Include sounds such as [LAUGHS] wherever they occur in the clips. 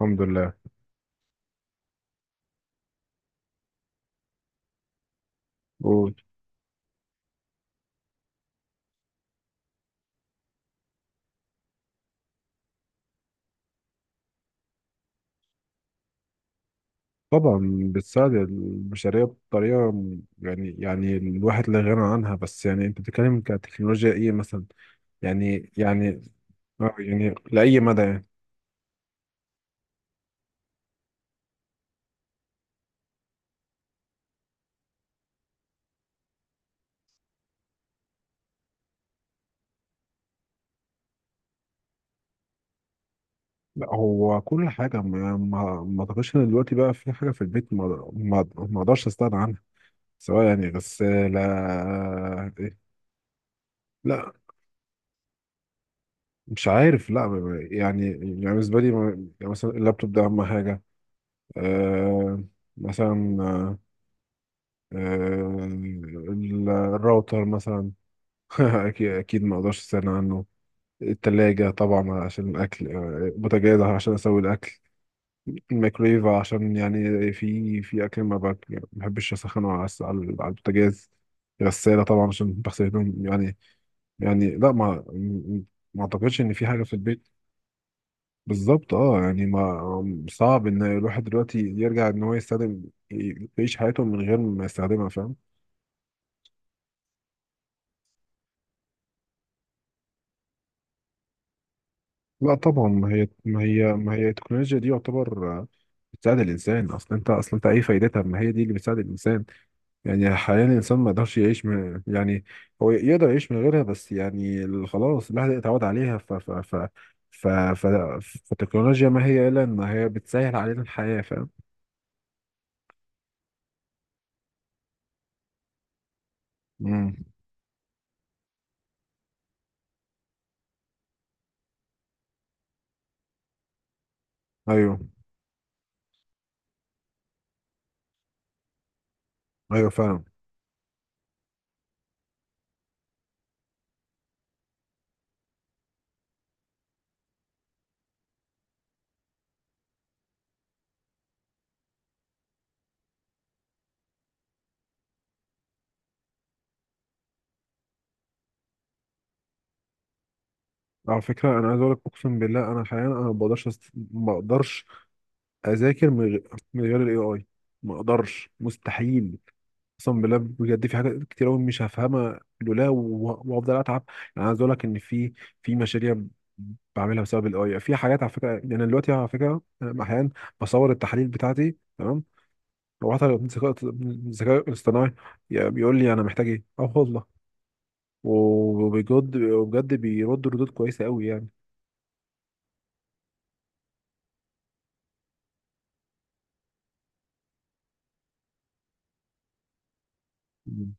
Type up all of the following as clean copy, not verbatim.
الحمد لله. وطبعا بتساعد البشرية بطريقة يعني الواحد لا غنى عنها، بس يعني انت بتتكلم كتكنولوجيا ايه مثلا؟ يعني يعني يعني لأي مدى يعني؟ لا، هو كل حاجة، ما اعتقدش ان دلوقتي بقى في حاجة في البيت ما اقدرش استغنى عنها، سواء يعني. بس لا، إيه؟ لا، مش عارف. لا يعني بالنسبة لي يعني مثلا اللابتوب ده أهم حاجة. أه مثلا، آه، الراوتر مثلا. [LAUGHS] اكيد اكيد ما اقدرش استغنى عنه. التلاجة طبعا عشان الاكل، بوتاجاز عشان اسوي الاكل. الميكرويف عشان يعني في اكل ما بك- يعني ما بحبش اسخنه على البوتاجاز. غسالة طبعا عشان بغسل هدوم يعني. يعني لا، ما اعتقدش ان في حاجة في البيت. بالظبط اه، يعني ما صعب ان الواحد دلوقتي يرجع ان هو يستخدم، يعيش حياته من غير ما يستخدمها، فاهم؟ لا طبعا، ما هي التكنولوجيا دي، يعتبر بتساعد الانسان. اصلا انت، اصلا انت ايه فايدتها، ما هي دي اللي بتساعد الانسان. يعني حاليا الانسان ما يقدرش يعيش من، يعني هو يقدر يعيش من غيرها، بس يعني خلاص الواحد اتعود عليها ف فالتكنولوجيا ما هي الا ان هي بتسهل علينا الحياه، فاهم؟ امم ايوه. ايوه فعلا. على فكره انا عايز اقول لك، اقسم بالله انا حاليا انا ما بقدرش ما اقدرش اذاكر من غير، من غير الاي اي. ما اقدرش، مستحيل، اقسم بالله بجد. في حاجات كتير قوي مش هفهمها لولا وافضل اتعب. يعني عايز اقول لك ان في، في مشاريع بعملها بسبب الاي. في حاجات على فكره، يعني أنا دلوقتي على فكره أنا احيانا بصور التحاليل بتاعتي، تمام؟ لو حتى الذكاء الاصطناعي يعني بيقول لي انا محتاج ايه، اه والله. وبجد بجد بيرد ردود كويسه قوي يعني. مم.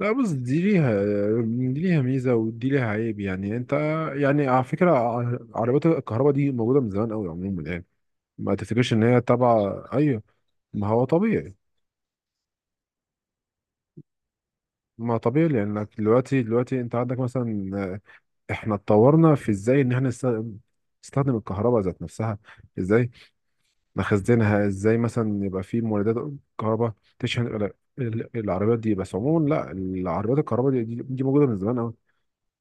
لا بص، دي ليها ميزة ودي ليها عيب. يعني انت، يعني على فكرة عربيات الكهرباء دي موجودة من زمان قوي عموما، يعني ما تفتكرش ان هي تبع، ايوه. ما هو طبيعي. ما طبيعي لانك دلوقتي انت عندك مثلا. احنا اتطورنا في ازاي ان احنا نستخدم الكهرباء ذات نفسها، ازاي نخزنها، ازاي مثلا يبقى في مولدات كهرباء تشحن العربيات دي. بس عموما لا، العربيات الكهرباء دي موجوده من زمان قوي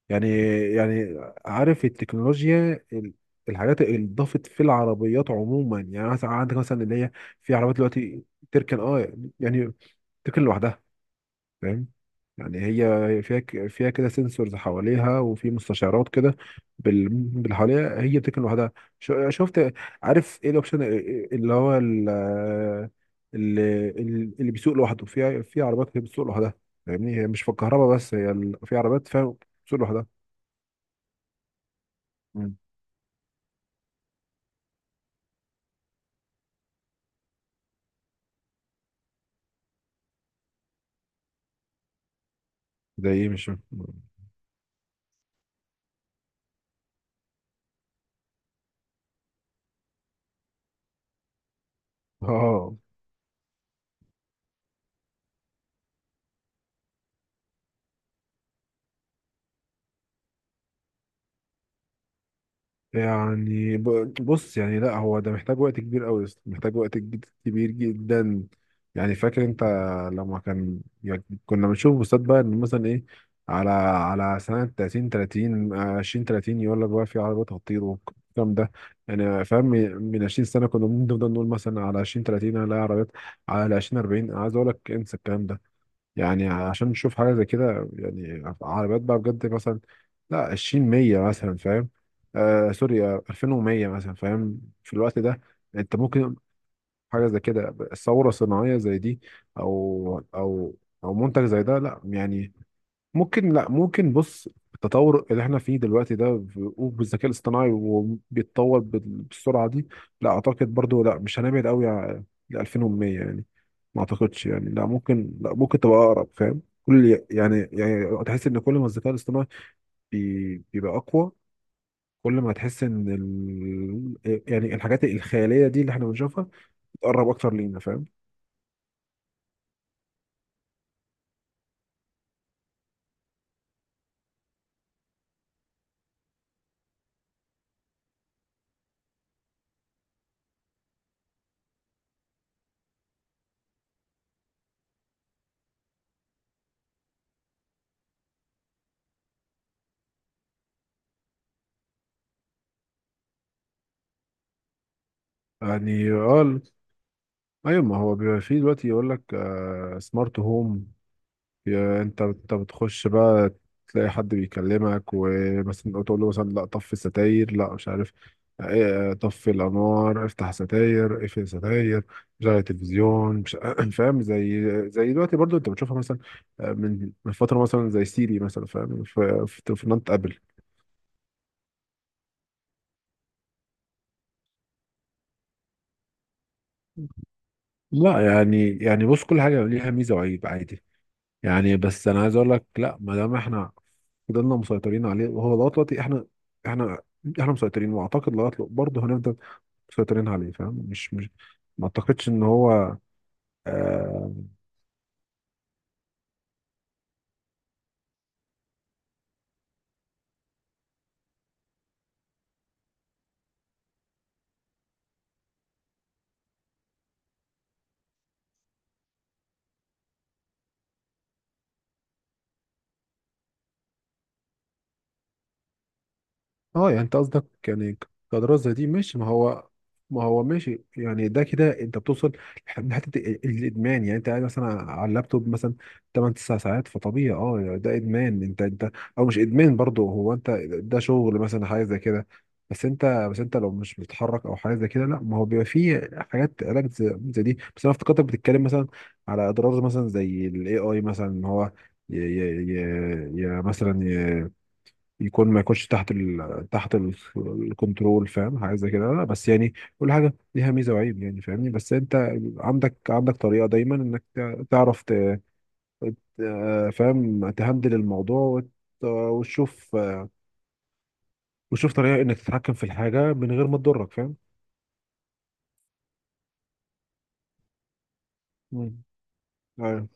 يعني يعني عارف التكنولوجيا، الحاجات اللي اتضافت في العربيات عموما، يعني مثلا عندك مثلا اللي هي في عربيات دلوقتي تركن اه، يعني تركن لوحدها فاهم. يعني هي، هي فيها فيها كده سنسورز حواليها وفي مستشعرات كده حواليها، هي بتكن لوحدها. شفت. عارف ايه الاوبشن اللي هو اللي, اللي بيسوق لوحده. في عربيات هي بتسوق لوحدها فاهمني، هي مش في الكهرباء بس، هي في عربيات فاهم، بتسوق لوحدها. مم. زي ايه؟ مش فاهم. اه يعني بص، يعني لا هو ده محتاج وقت كبير قوي، محتاج وقت كبير جدا. يعني فاكر انت لما كان، يعني كنا بنشوف بوستات بقى ان مثلا ايه، على سنة 30 30 20 30، يقول لك بقى في عربيات هتطير والكلام ده يعني. فاهم، من 20 سنة كنا بنفضل نقول مثلا على 20 30 هنلاقي عربيات، على 20 40. عايز اقول لك انسى الكلام ده يعني، عشان نشوف حاجة زي كده يعني، عربيات بقى بجد مثلا، لا 20 100 مثلا، فاهم؟ آه سوري، 2100 مثلا، فاهم؟ في الوقت ده انت ممكن حاجة زي كده، ثورة صناعية زي دي، او او او منتج زي ده. لا يعني، ممكن. لا ممكن، بص التطور اللي احنا فيه دلوقتي ده وبالذكاء الاصطناعي، وبيتطور بالسرعة دي، لا اعتقد برضو لا مش هنبعد قوي ل 2100 يعني. ما اعتقدش يعني، لا ممكن لا ممكن تبقى اقرب، فاهم؟ كل يعني، يعني تحس ان كل ما الذكاء الاصطناعي بيبقى اقوى، كل ما هتحس ان إيه، يعني الحاجات الخياليه دي اللي احنا بنشوفها تقرب اكتر لينا، فاهم؟ يعني اه ايوه، ما هو بيبقى فيه دلوقتي يقول لك سمارت هوم. يا انت بتخش بقى تلاقي حد بيكلمك، ومثلا تقول له مثلا لا طفي الستاير، لا مش عارف، ايه، اه، طفي الانوار، افتح ستاير، اقفل ستاير، شغل التلفزيون، مش [CLEARS THROAT] فاهم. زي، زي دلوقتي برضو انت بتشوفها مثلا، اه، من فتره، مثلا زي سيري مثلا، فاهم في تليفونات ابل. لا يعني، يعني بص كل حاجه ليها ميزه وعيب عادي يعني. بس انا عايز اقول لك، لا ما دام احنا فضلنا مسيطرين عليه وهو لغايه دلوقتي احنا، احنا احنا مسيطرين، واعتقد لغايه دلوقتي برضه هنفضل مسيطرين عليه فاهم، مش ما اعتقدش ان هو آه. اه يعني انت قصدك يعني كدراسة زي دي ماشي، ما هو ماشي يعني ده كده انت بتوصل لحته الادمان، يعني انت قاعد مثلا على اللابتوب مثلا 8 9 ساعات، فطبيعي اه يعني ده ادمان. انت او مش ادمان برضو، هو انت ده شغل مثلا حاجه زي كده، بس انت لو مش بتتحرك او حاجه زي كده لا. ما هو بيبقى فيه حاجات علاج زي دي، بس انا افتكرتك بتتكلم مثلا على اضرار مثلا زي الاي اي مثلا ان هو ي ي ي ي مثلا يكون ما يكونش تحت الكنترول، فاهم حاجه زي كده، لا، بس يعني كل حاجه ليها ميزه وعيب يعني فاهمني، بس انت عندك طريقه دايما انك ت- فاهم تهندل الموضوع وت... وتشوف وتشوف طريقه انك تتحكم في الحاجه من غير ما تضرك فاهم. مم. ايوه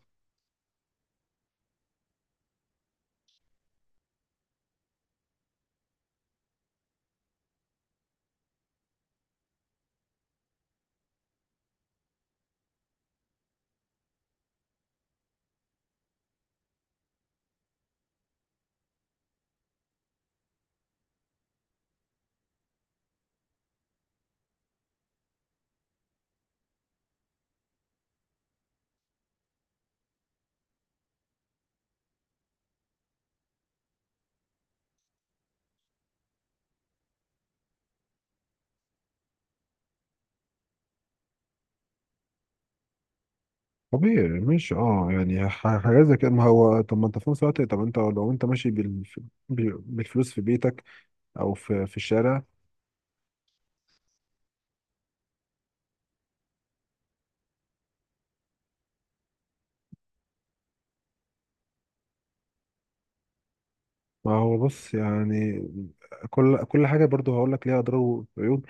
طبيعي مش اه يعني حاجات زي كده. ما هو طب ما انت في نفس الوقت، طب انت لو انت ماشي بالفلوس في بيتك او في الشارع. ما هو بص يعني كل حاجة برضو هقول لك ليها أضرار وعيوب.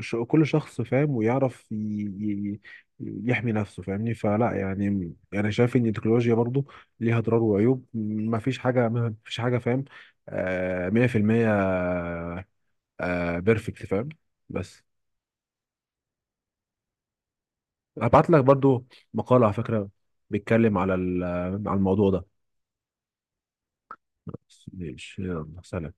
كل شخص فاهم ويعرف يحمي نفسه فاهمني، فلا يعني أنا شايف إن التكنولوجيا برضو ليها أضرار وعيوب، ما فيش حاجة فاهم 100% بيرفكت فاهم. بس هبعت لك برضو مقالة على فكرة بيتكلم على على الموضوع ده. بس ماشي، يلا، سلام.